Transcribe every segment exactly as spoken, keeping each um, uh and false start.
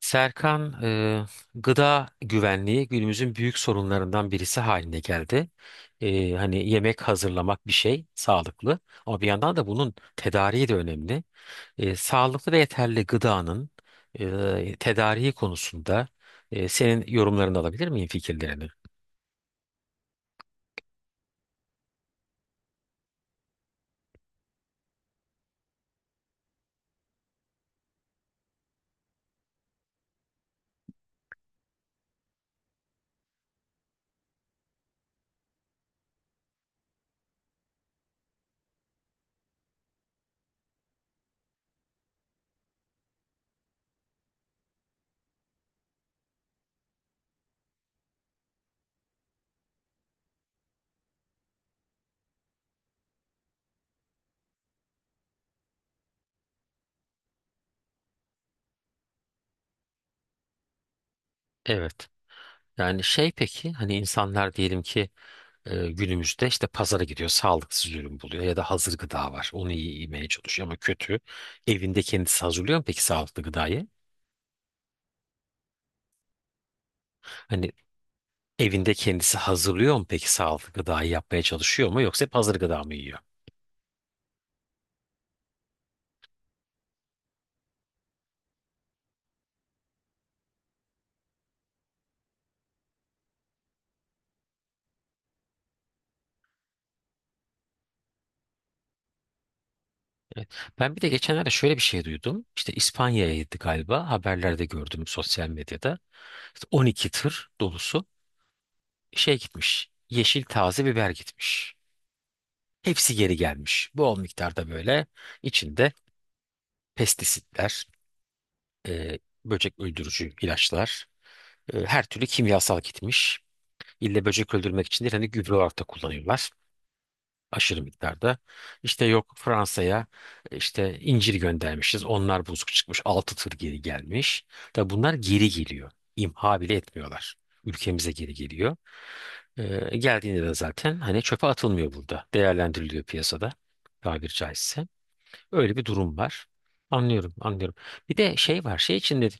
Serkan, e, gıda güvenliği günümüzün büyük sorunlarından birisi haline geldi. E, hani yemek hazırlamak bir şey sağlıklı ama bir yandan da bunun tedariği de önemli. E, sağlıklı ve yeterli gıdanın e, tedariği konusunda e, senin yorumlarını alabilir miyim fikirlerini? Evet. Yani şey peki hani insanlar diyelim ki Ee, günümüzde işte pazara gidiyor, sağlıksız ürün buluyor ya da hazır gıda var. Onu iyi yemeye çalışıyor ama kötü. Evinde kendisi hazırlıyor mu peki sağlıklı gıdayı? Hani evinde kendisi hazırlıyor mu peki sağlıklı gıdayı yapmaya çalışıyor mu yoksa hep hazır gıda mı yiyor? Ben bir de geçenlerde şöyle bir şey duydum. İşte İspanya'ya gitti galiba. Haberlerde gördüm sosyal medyada. İşte on iki tır dolusu şey gitmiş. Yeşil taze biber gitmiş. Hepsi geri gelmiş. Bol miktarda böyle içinde pestisitler, e, böcek öldürücü ilaçlar, e, her türlü kimyasal gitmiş. İlle böcek öldürmek için değil, hani gübre olarak da kullanıyorlar aşırı miktarda. İşte yok Fransa'ya e, işte incir göndermişiz. Onlar bozuk çıkmış. Altı tır geri gelmiş. Tabi bunlar geri geliyor. İmha bile etmiyorlar. Ülkemize geri geliyor. E, geldiğinde de zaten hani çöpe atılmıyor burada. Değerlendiriliyor piyasada tabir caizse. Öyle bir durum var. Anlıyorum, anlıyorum. Bir de şey var, şey için dedim.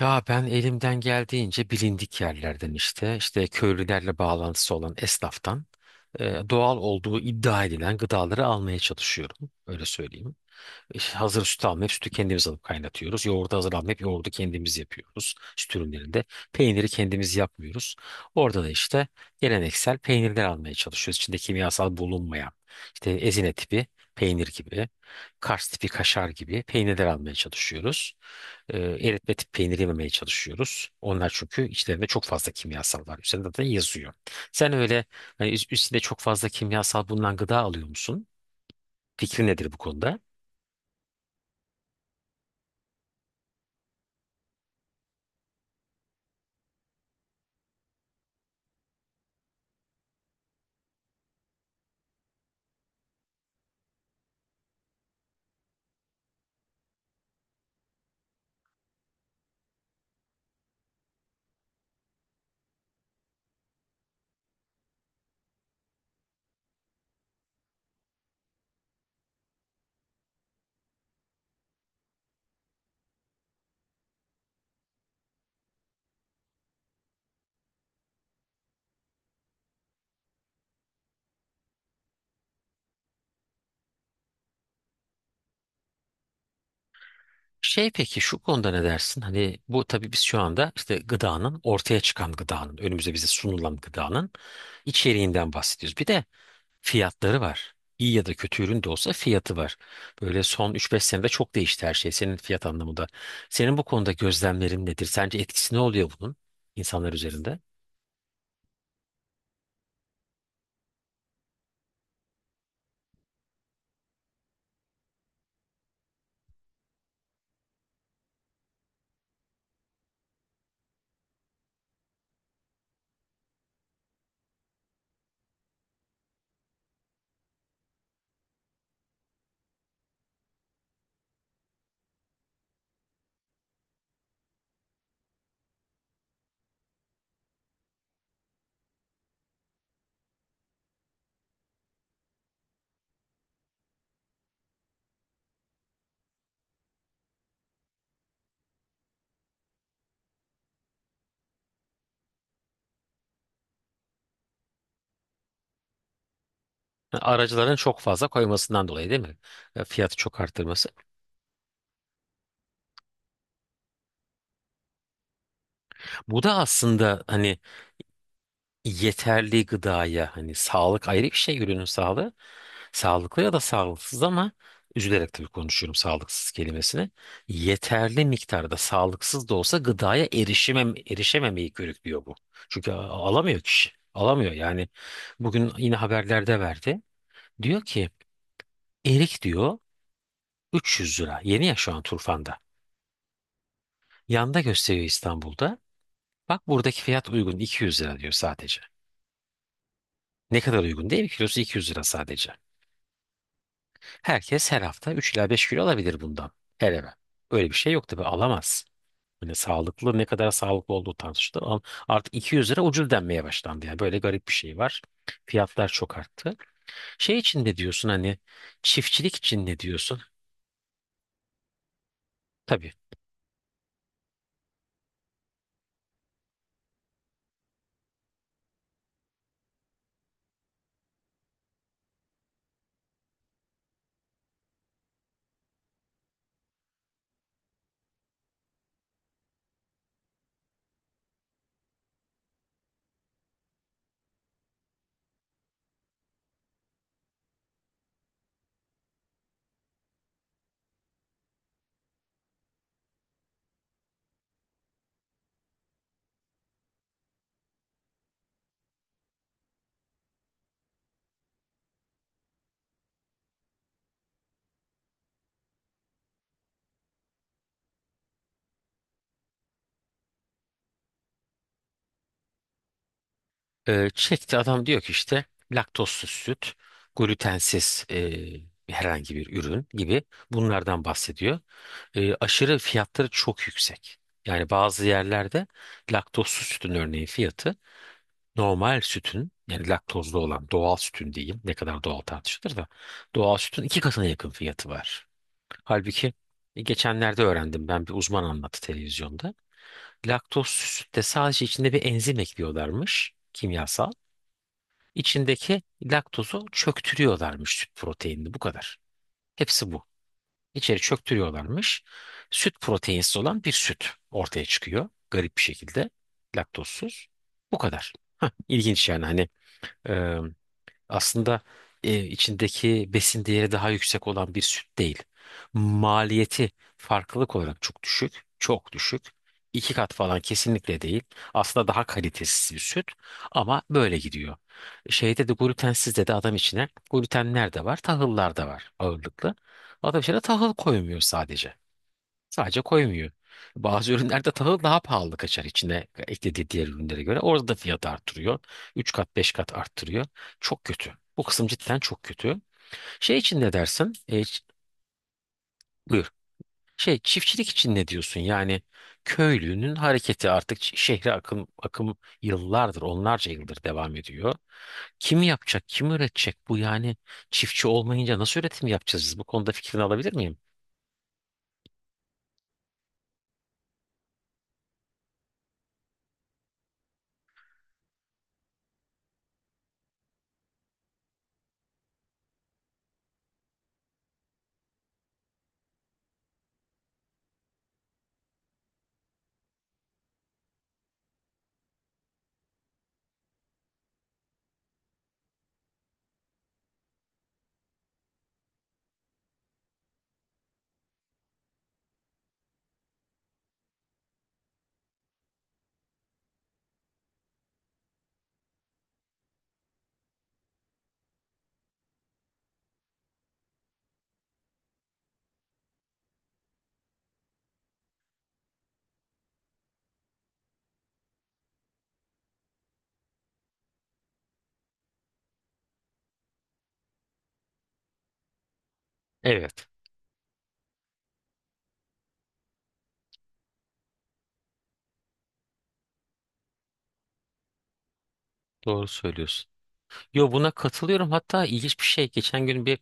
Ya ben elimden geldiğince bilindik yerlerden işte, işte köylülerle bağlantısı olan esnaftan e, doğal olduğu iddia edilen gıdaları almaya çalışıyorum. Öyle söyleyeyim. İşte hazır süt almayıp sütü kendimiz alıp kaynatıyoruz. Yoğurdu hazır almayıp yoğurdu kendimiz yapıyoruz süt ürünlerinde. Peyniri kendimiz yapmıyoruz. Orada da işte geleneksel peynirler almaya çalışıyoruz. İçinde kimyasal bulunmayan işte ezine tipi peynir gibi, Kars tipi kaşar gibi peynirler almaya çalışıyoruz. Ee, eritme tipi peynir yememeye çalışıyoruz. Onlar çünkü içlerinde çok fazla kimyasal var. Üzerinde de yazıyor. Sen öyle hani üst- üstünde çok fazla kimyasal bulunan gıda alıyor musun? Fikrin nedir bu konuda? Şey peki şu konuda ne dersin? Hani bu tabii biz şu anda işte gıdanın ortaya çıkan gıdanın önümüze bize sunulan gıdanın içeriğinden bahsediyoruz. Bir de fiyatları var. İyi ya da kötü ürün de olsa fiyatı var. Böyle son üç beş senede çok değişti her şey senin fiyat anlamında. Senin bu konuda gözlemlerin nedir? Sence etkisi ne oluyor bunun insanlar üzerinde? Aracıların çok fazla koymasından dolayı değil mi? E, Fiyatı çok arttırması. Bu da aslında hani yeterli gıdaya hani sağlık ayrı bir şey ürünün sağlığı. Sağlıklı ya da sağlıksız ama üzülerek tabii konuşuyorum sağlıksız kelimesini. Yeterli miktarda sağlıksız da olsa gıdaya erişemem, erişememeyi körüklüyor bu. Çünkü a- alamıyor kişi. Alamıyor yani. Bugün yine haberlerde verdi. Diyor ki erik diyor üç yüz lira. Yeni ya şu an Turfan'da. Yanda gösteriyor İstanbul'da. Bak buradaki fiyat uygun iki yüz lira diyor sadece. Ne kadar uygun değil mi? Kilosu iki yüz lira sadece. Herkes her hafta üç ila beş kilo alabilir bundan. Her eve. Öyle bir şey yok tabii alamaz. Hani sağlıklı ne kadar sağlıklı olduğu tartışılır. Ama artık iki yüz lira ucuz denmeye başlandı. Yani böyle garip bir şey var. Fiyatlar çok arttı. Şey için ne diyorsun hani çiftçilik için ne diyorsun? Tabii. Ee, çekti adam diyor ki işte laktozsuz süt, glutensiz e, herhangi bir ürün gibi bunlardan bahsediyor. Ee, aşırı fiyatları çok yüksek. Yani bazı yerlerde laktozsuz sütün örneğin fiyatı normal sütün yani laktozlu olan doğal sütün diyeyim ne kadar doğal tartışılır da doğal sütün iki katına yakın fiyatı var. Halbuki e, geçenlerde öğrendim ben bir uzman anlattı televizyonda. Laktozsuz sütte sadece içinde bir enzim ekliyorlarmış kimyasal. İçindeki laktozu çöktürüyorlarmış süt proteinini bu kadar. Hepsi bu. İçeri çöktürüyorlarmış. Süt proteinsiz olan bir süt ortaya çıkıyor garip bir şekilde laktozsuz. Bu kadar. İlginç yani hani aslında e, içindeki besin değeri daha yüksek olan bir süt değil. Maliyeti farklılık olarak çok düşük, çok düşük. İki kat falan kesinlikle değil. Aslında daha kalitesiz bir süt ama böyle gidiyor. Şeyde de glutensizde de adam içine glutenler de var, tahıllar da var ağırlıklı. Adam içine tahıl koymuyor sadece. Sadece koymuyor. Bazı ürünlerde tahıl daha pahalı kaçar içine eklediği diğer ürünlere göre. Orada da fiyatı arttırıyor. üç kat beş kat arttırıyor. Çok kötü. Bu kısım cidden çok kötü. Şey için ne dersin? E, ç- buyur. Şey çiftçilik için ne diyorsun? Yani köylünün hareketi artık ş- şehre akım, akım yıllardır, onlarca yıldır devam ediyor. Kim yapacak, kim üretecek bu yani? Çiftçi olmayınca nasıl üretim yapacağız biz? Bu konuda fikrini alabilir miyim? Evet, doğru söylüyorsun. Yo buna katılıyorum. Hatta ilginç bir şey. Geçen gün bir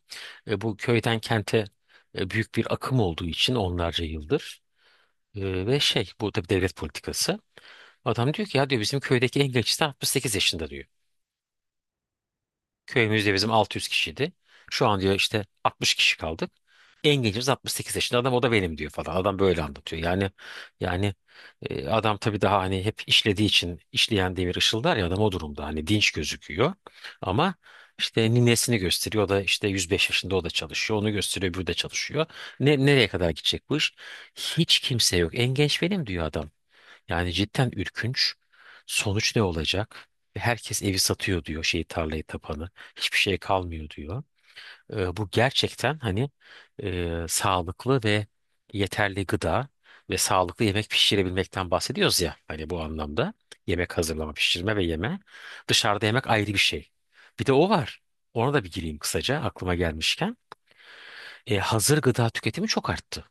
e, bu köyden kente e, büyük bir akım olduğu için onlarca yıldır e, ve şey bu tabii devlet politikası. Adam diyor ki ya diyor bizim köydeki en gençler altmış sekiz yaşında diyor. Köyümüzde bizim altı yüz kişiydi. Şu an diyor işte altmış kişi kaldık. En gencimiz altmış sekiz yaşında adam o da benim diyor falan. Adam böyle anlatıyor. Yani yani e, adam tabii daha hani hep işlediği için işleyen demir ışıldar ya adam o durumda hani dinç gözüküyor. Ama işte ninesini gösteriyor. O da işte yüz beş yaşında o da çalışıyor. Onu gösteriyor öbürü de çalışıyor. Ne, nereye kadar gidecek bu iş? Hiç kimse yok. En genç benim diyor adam. Yani cidden ürkünç. Sonuç ne olacak? Herkes evi satıyor diyor şeyi tarlayı tapanı. Hiçbir şey kalmıyor diyor. E, bu gerçekten hani e, sağlıklı ve yeterli gıda ve sağlıklı yemek pişirebilmekten bahsediyoruz ya. Hani bu anlamda yemek hazırlama, pişirme ve yeme. Dışarıda yemek ayrı bir şey. Bir de o var. Ona da bir gireyim kısaca aklıma gelmişken. E, hazır gıda tüketimi çok arttı.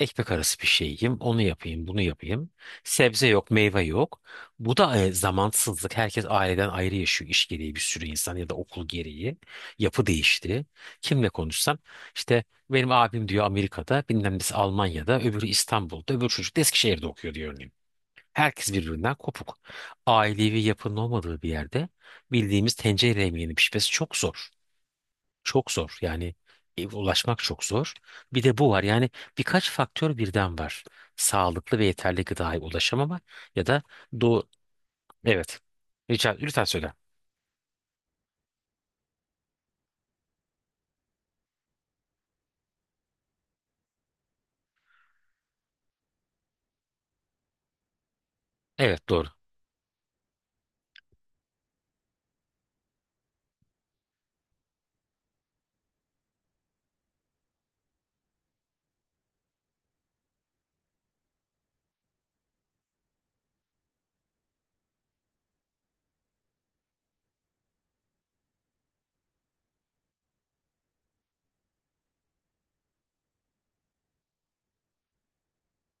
Ekmek arası bir şey onu yapayım, bunu yapayım. Sebze yok, meyve yok. Bu da e, zamansızlık. Herkes aileden ayrı yaşıyor iş gereği bir sürü insan ya da okul gereği. Yapı değişti. Kimle konuşsam işte benim abim diyor Amerika'da, bilmem nesi Almanya'da, öbürü İstanbul'da, öbür çocuk da Eskişehir'de okuyor diyor örneğin. Herkes birbirinden kopuk. Ailevi yapının olmadığı bir yerde bildiğimiz tencere yemeğinin pişmesi çok zor. Çok zor. Yani e, ulaşmak çok zor. Bir de bu var. Yani birkaç faktör birden var. Sağlıklı ve yeterli gıdaya ulaşamama ya da doğu... Evet. Rica, lütfen söyle. Evet doğru.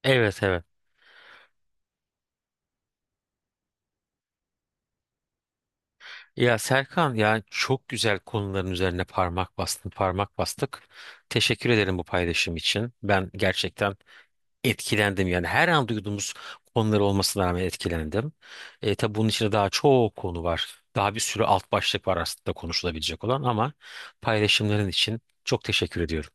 Evet, evet. Ya Serkan yani çok güzel konuların üzerine parmak bastın, parmak bastık. Teşekkür ederim bu paylaşım için. Ben gerçekten etkilendim yani her an duyduğumuz konuları olmasına rağmen etkilendim. E, tabii bunun içinde daha çok konu var. Daha bir sürü alt başlık var aslında konuşulabilecek olan ama paylaşımların için çok teşekkür ediyorum.